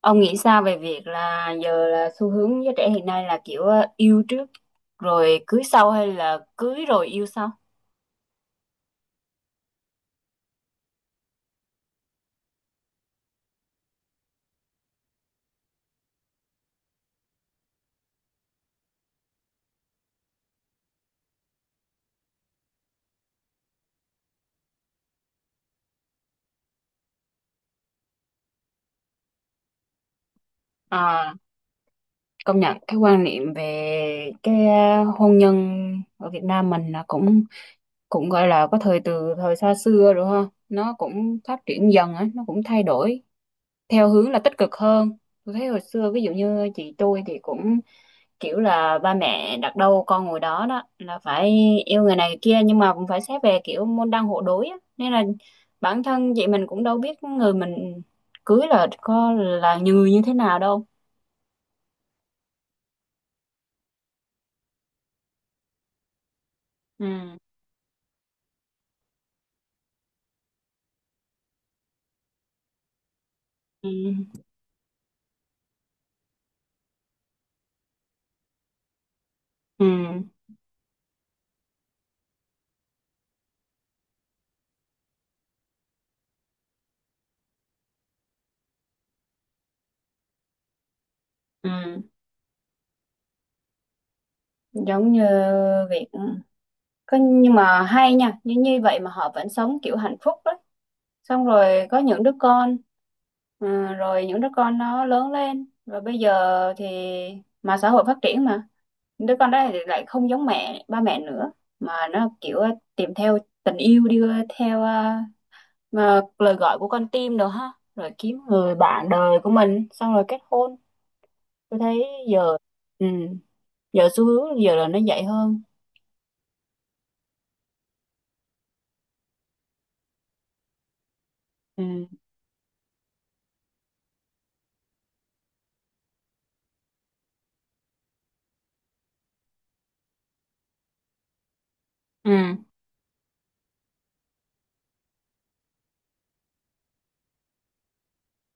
Ông nghĩ sao về việc là giờ là xu hướng giới trẻ hiện nay là kiểu yêu trước rồi cưới sau hay là cưới rồi yêu sau? À, công nhận cái quan niệm về cái hôn nhân ở Việt Nam mình là cũng cũng gọi là có thời từ thời xa xưa rồi ha, nó cũng phát triển dần á, nó cũng thay đổi theo hướng là tích cực hơn. Tôi thấy hồi xưa ví dụ như chị tôi thì cũng kiểu là ba mẹ đặt đâu con ngồi đó, đó là phải yêu người này người kia nhưng mà cũng phải xét về kiểu môn đăng hộ đối á. Nên là bản thân chị mình cũng đâu biết người mình cưới là có là người như thế nào đâu. Ừ. Ừ. Ừ. Ừ. Giống như việc có, nhưng mà hay nha, như như vậy mà họ vẫn sống kiểu hạnh phúc đấy, xong rồi có những đứa con, ừ, rồi những đứa con nó lớn lên và bây giờ thì mà xã hội phát triển mà đứa con đó thì lại không giống mẹ ba mẹ nữa, mà nó kiểu tìm theo tình yêu đi theo mà lời gọi của con tim đồ ha, rồi kiếm người bạn đời của mình xong rồi kết hôn. Tôi thấy giờ, ừ, giờ xu hướng giờ là nó dạy hơn. Ừ. Ừ.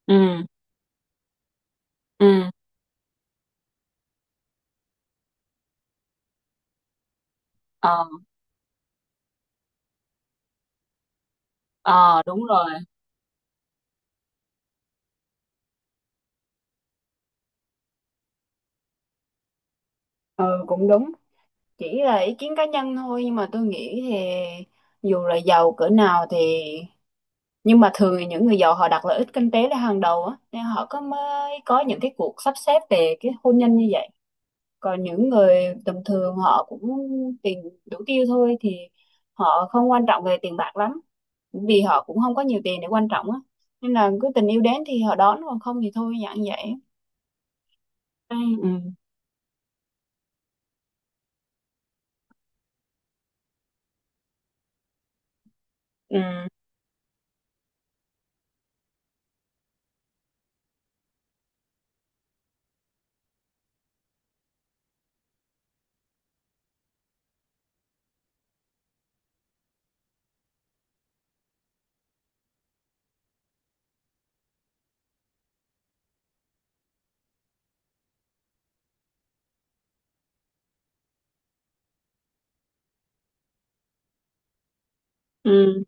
Ừ. Ừ. Ờ. Ờ, đúng rồi. Ừ, cũng đúng. Chỉ là ý kiến cá nhân thôi nhưng mà tôi nghĩ thì dù là giàu cỡ nào thì, nhưng mà thường thì những người giàu họ đặt lợi ích kinh tế lên hàng đầu á, nên họ có mới có những cái cuộc sắp xếp về cái hôn nhân như vậy. Còn những người tầm thường họ cũng tiền đủ tiêu thôi thì họ không quan trọng về tiền bạc lắm, vì họ cũng không có nhiều tiền để quan trọng á, nên là cứ tình yêu đến thì họ đón, còn không thì thôi dạng vậy. Ừ. Ừ. Ừ.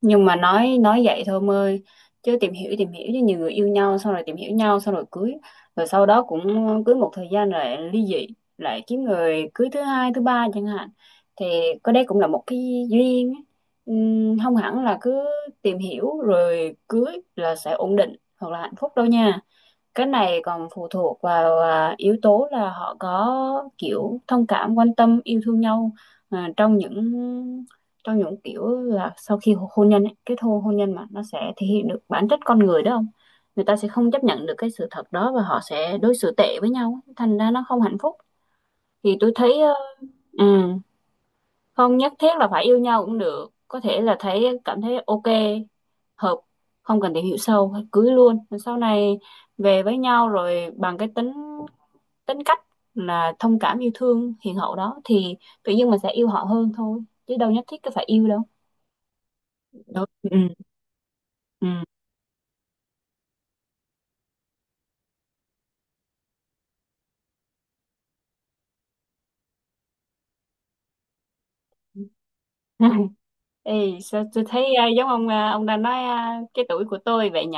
Nhưng mà nói vậy thôi em ơi, chứ tìm hiểu chứ nhiều người yêu nhau xong rồi tìm hiểu nhau xong rồi cưới, rồi sau đó cũng cưới một thời gian rồi ly dị, lại kiếm người cưới thứ hai thứ ba chẳng hạn. Thì có đây cũng là một cái duyên ấy. Không hẳn là cứ tìm hiểu rồi cưới là sẽ ổn định hoặc là hạnh phúc đâu nha. Cái này còn phụ thuộc vào yếu tố là họ có kiểu thông cảm quan tâm yêu thương nhau, à, trong những trong những kiểu là sau khi hôn nhân ấy, kết hôn hôn nhân mà nó sẽ thể hiện được bản chất con người đó không. Người ta sẽ không chấp nhận được cái sự thật đó và họ sẽ đối xử tệ với nhau thành ra nó không hạnh phúc. Thì tôi thấy ừ, không nhất thiết là phải yêu nhau cũng được, có thể là thấy cảm thấy ok, hợp, không cần tìm hiểu sâu cưới luôn. Rồi sau này về với nhau rồi bằng cái tính tính cách là thông cảm yêu thương hiền hậu đó thì tự nhiên mình sẽ yêu họ hơn thôi, chứ đâu nhất thiết cứ phải yêu đâu. Đúng. Ừ. Ừ. Ê, sao tôi thấy giống ông ông đang nói cái tuổi của tôi vậy nhỉ?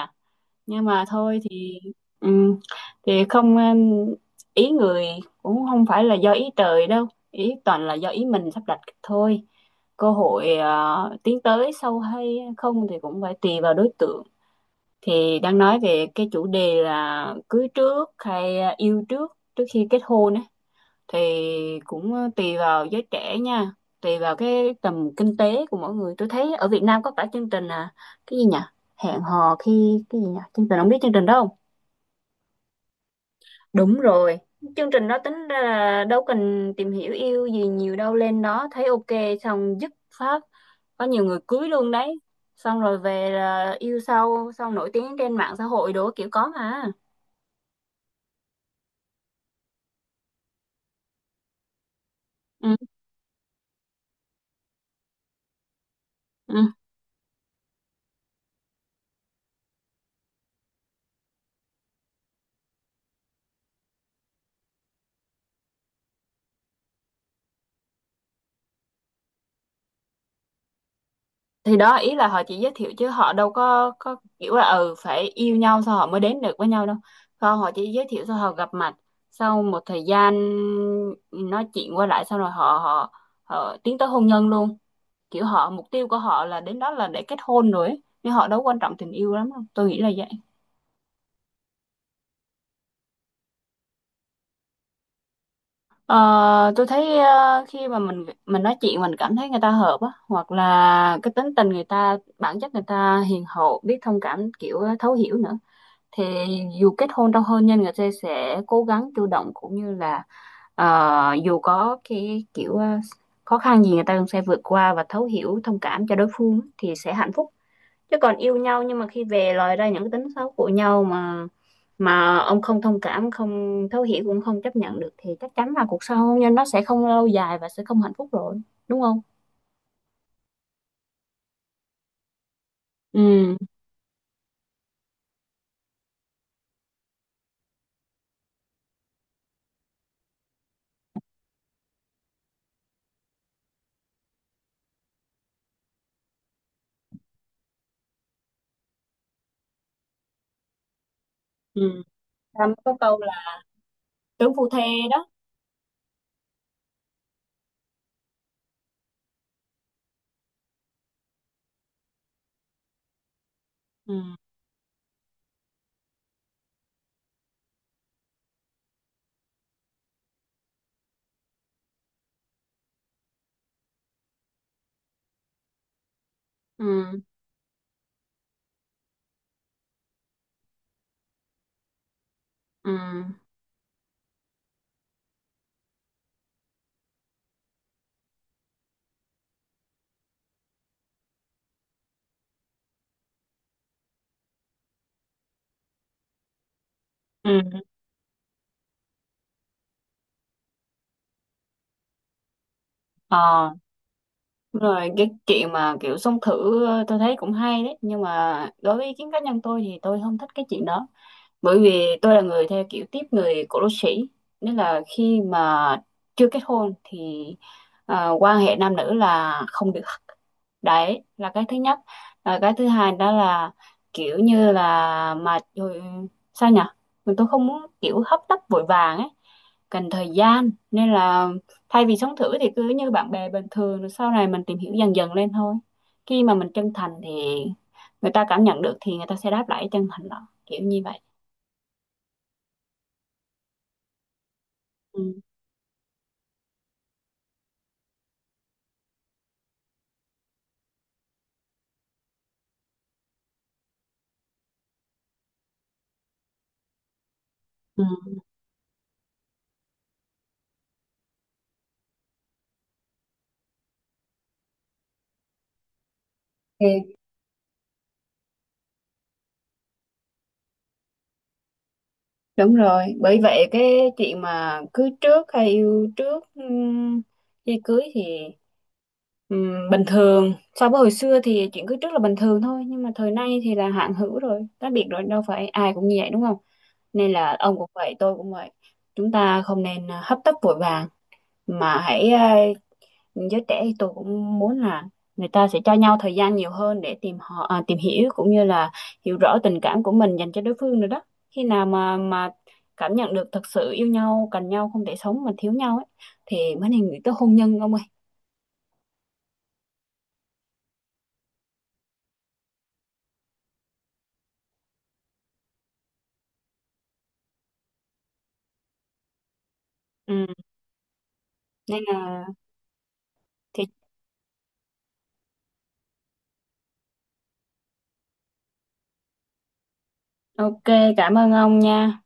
Nhưng mà thôi ừm, thì không, ý người cũng không phải là do ý trời đâu, ý toàn là do ý mình sắp đặt thôi. Cơ hội tiến tới sâu hay không thì cũng phải tùy vào đối tượng. Thì đang nói về cái chủ đề là cưới trước hay yêu trước trước khi kết hôn á, thì cũng tùy vào giới trẻ nha, tùy vào cái tầm kinh tế của mỗi người. Tôi thấy ở Việt Nam có cả chương trình cái gì nhỉ, hẹn hò khi cái gì nhỉ, chương trình không biết chương trình đó không. Đúng rồi, chương trình đó tính ra là đâu cần tìm hiểu yêu gì nhiều đâu, lên đó thấy ok xong dứt phát có nhiều người cưới luôn đấy, xong rồi về là yêu sau xong nổi tiếng trên mạng xã hội đồ kiểu có mà. Ừ. Thì đó ý là họ chỉ giới thiệu chứ họ đâu có kiểu là ừ phải yêu nhau sao họ mới đến được với nhau đâu, không họ chỉ giới thiệu sao họ gặp mặt, sau một thời gian nói chuyện qua lại sau rồi họ họ họ tiến tới hôn nhân luôn, kiểu họ mục tiêu của họ là đến đó là để kết hôn rồi ấy. Nhưng họ đâu quan trọng tình yêu lắm đâu, tôi nghĩ là vậy. Ờ, tôi thấy ờ, khi mà mình nói chuyện mình cảm thấy người ta hợp á, hoặc là cái tính tình người ta bản chất người ta hiền hậu biết thông cảm kiểu thấu hiểu nữa, thì dù kết hôn trong hôn nhân người ta sẽ cố gắng chủ động cũng như là ờ, dù có cái kiểu khó khăn gì người ta cũng sẽ vượt qua và thấu hiểu thông cảm cho đối phương thì sẽ hạnh phúc. Chứ còn yêu nhau nhưng mà khi về lòi ra những cái tính xấu của nhau mà ông không thông cảm không thấu hiểu cũng không chấp nhận được thì chắc chắn là cuộc sống hôn nhân nó sẽ không lâu dài và sẽ không hạnh phúc rồi, đúng không? Ừ. Ừ. Ta mới có câu là tướng phu thê đó. Ừ. Ừ. Ừ. Ừ. Ờ. Rồi cái chuyện mà kiểu xông thử ờ, tôi thấy cũng hay đấy nhưng mà đối với ý kiến cá nhân tôi thì tôi không thích cái chuyện đó. Bởi vì tôi là người theo kiểu tiếp người cổ đô sĩ, nên là khi mà chưa kết hôn thì quan hệ nam nữ là không được, đấy là cái thứ nhất. Cái thứ hai đó là kiểu như là mà ừ, sao nhỉ, mình tôi không muốn kiểu hấp tấp vội vàng ấy, cần thời gian, nên là thay vì sống thử thì cứ như bạn bè bình thường rồi sau này mình tìm hiểu dần dần lên thôi. Khi mà mình chân thành thì người ta cảm nhận được thì người ta sẽ đáp lại chân thành đó, kiểu như vậy. Ừ. Ừ. Thì đúng rồi, bởi vậy cái chuyện mà cưới trước hay yêu trước khi cưới thì bình thường. So với hồi xưa thì chuyện cưới trước là bình thường thôi, nhưng mà thời nay thì là hạn hữu rồi, cá biệt rồi, đâu phải ai cũng như vậy đúng không? Nên là ông cũng vậy, tôi cũng vậy. Chúng ta không nên hấp tấp vội vàng mà hãy giới trẻ thì tôi cũng muốn là người ta sẽ cho nhau thời gian nhiều hơn để tìm họ tìm hiểu cũng như là hiểu rõ tình cảm của mình dành cho đối phương nữa đó. Khi nào mà cảm nhận được thật sự yêu nhau cần nhau không thể sống mà thiếu nhau ấy thì mới nên nghĩ tới hôn nhân ông ơi. Ừ. Nên là thì ok. Cảm ơn ông nha.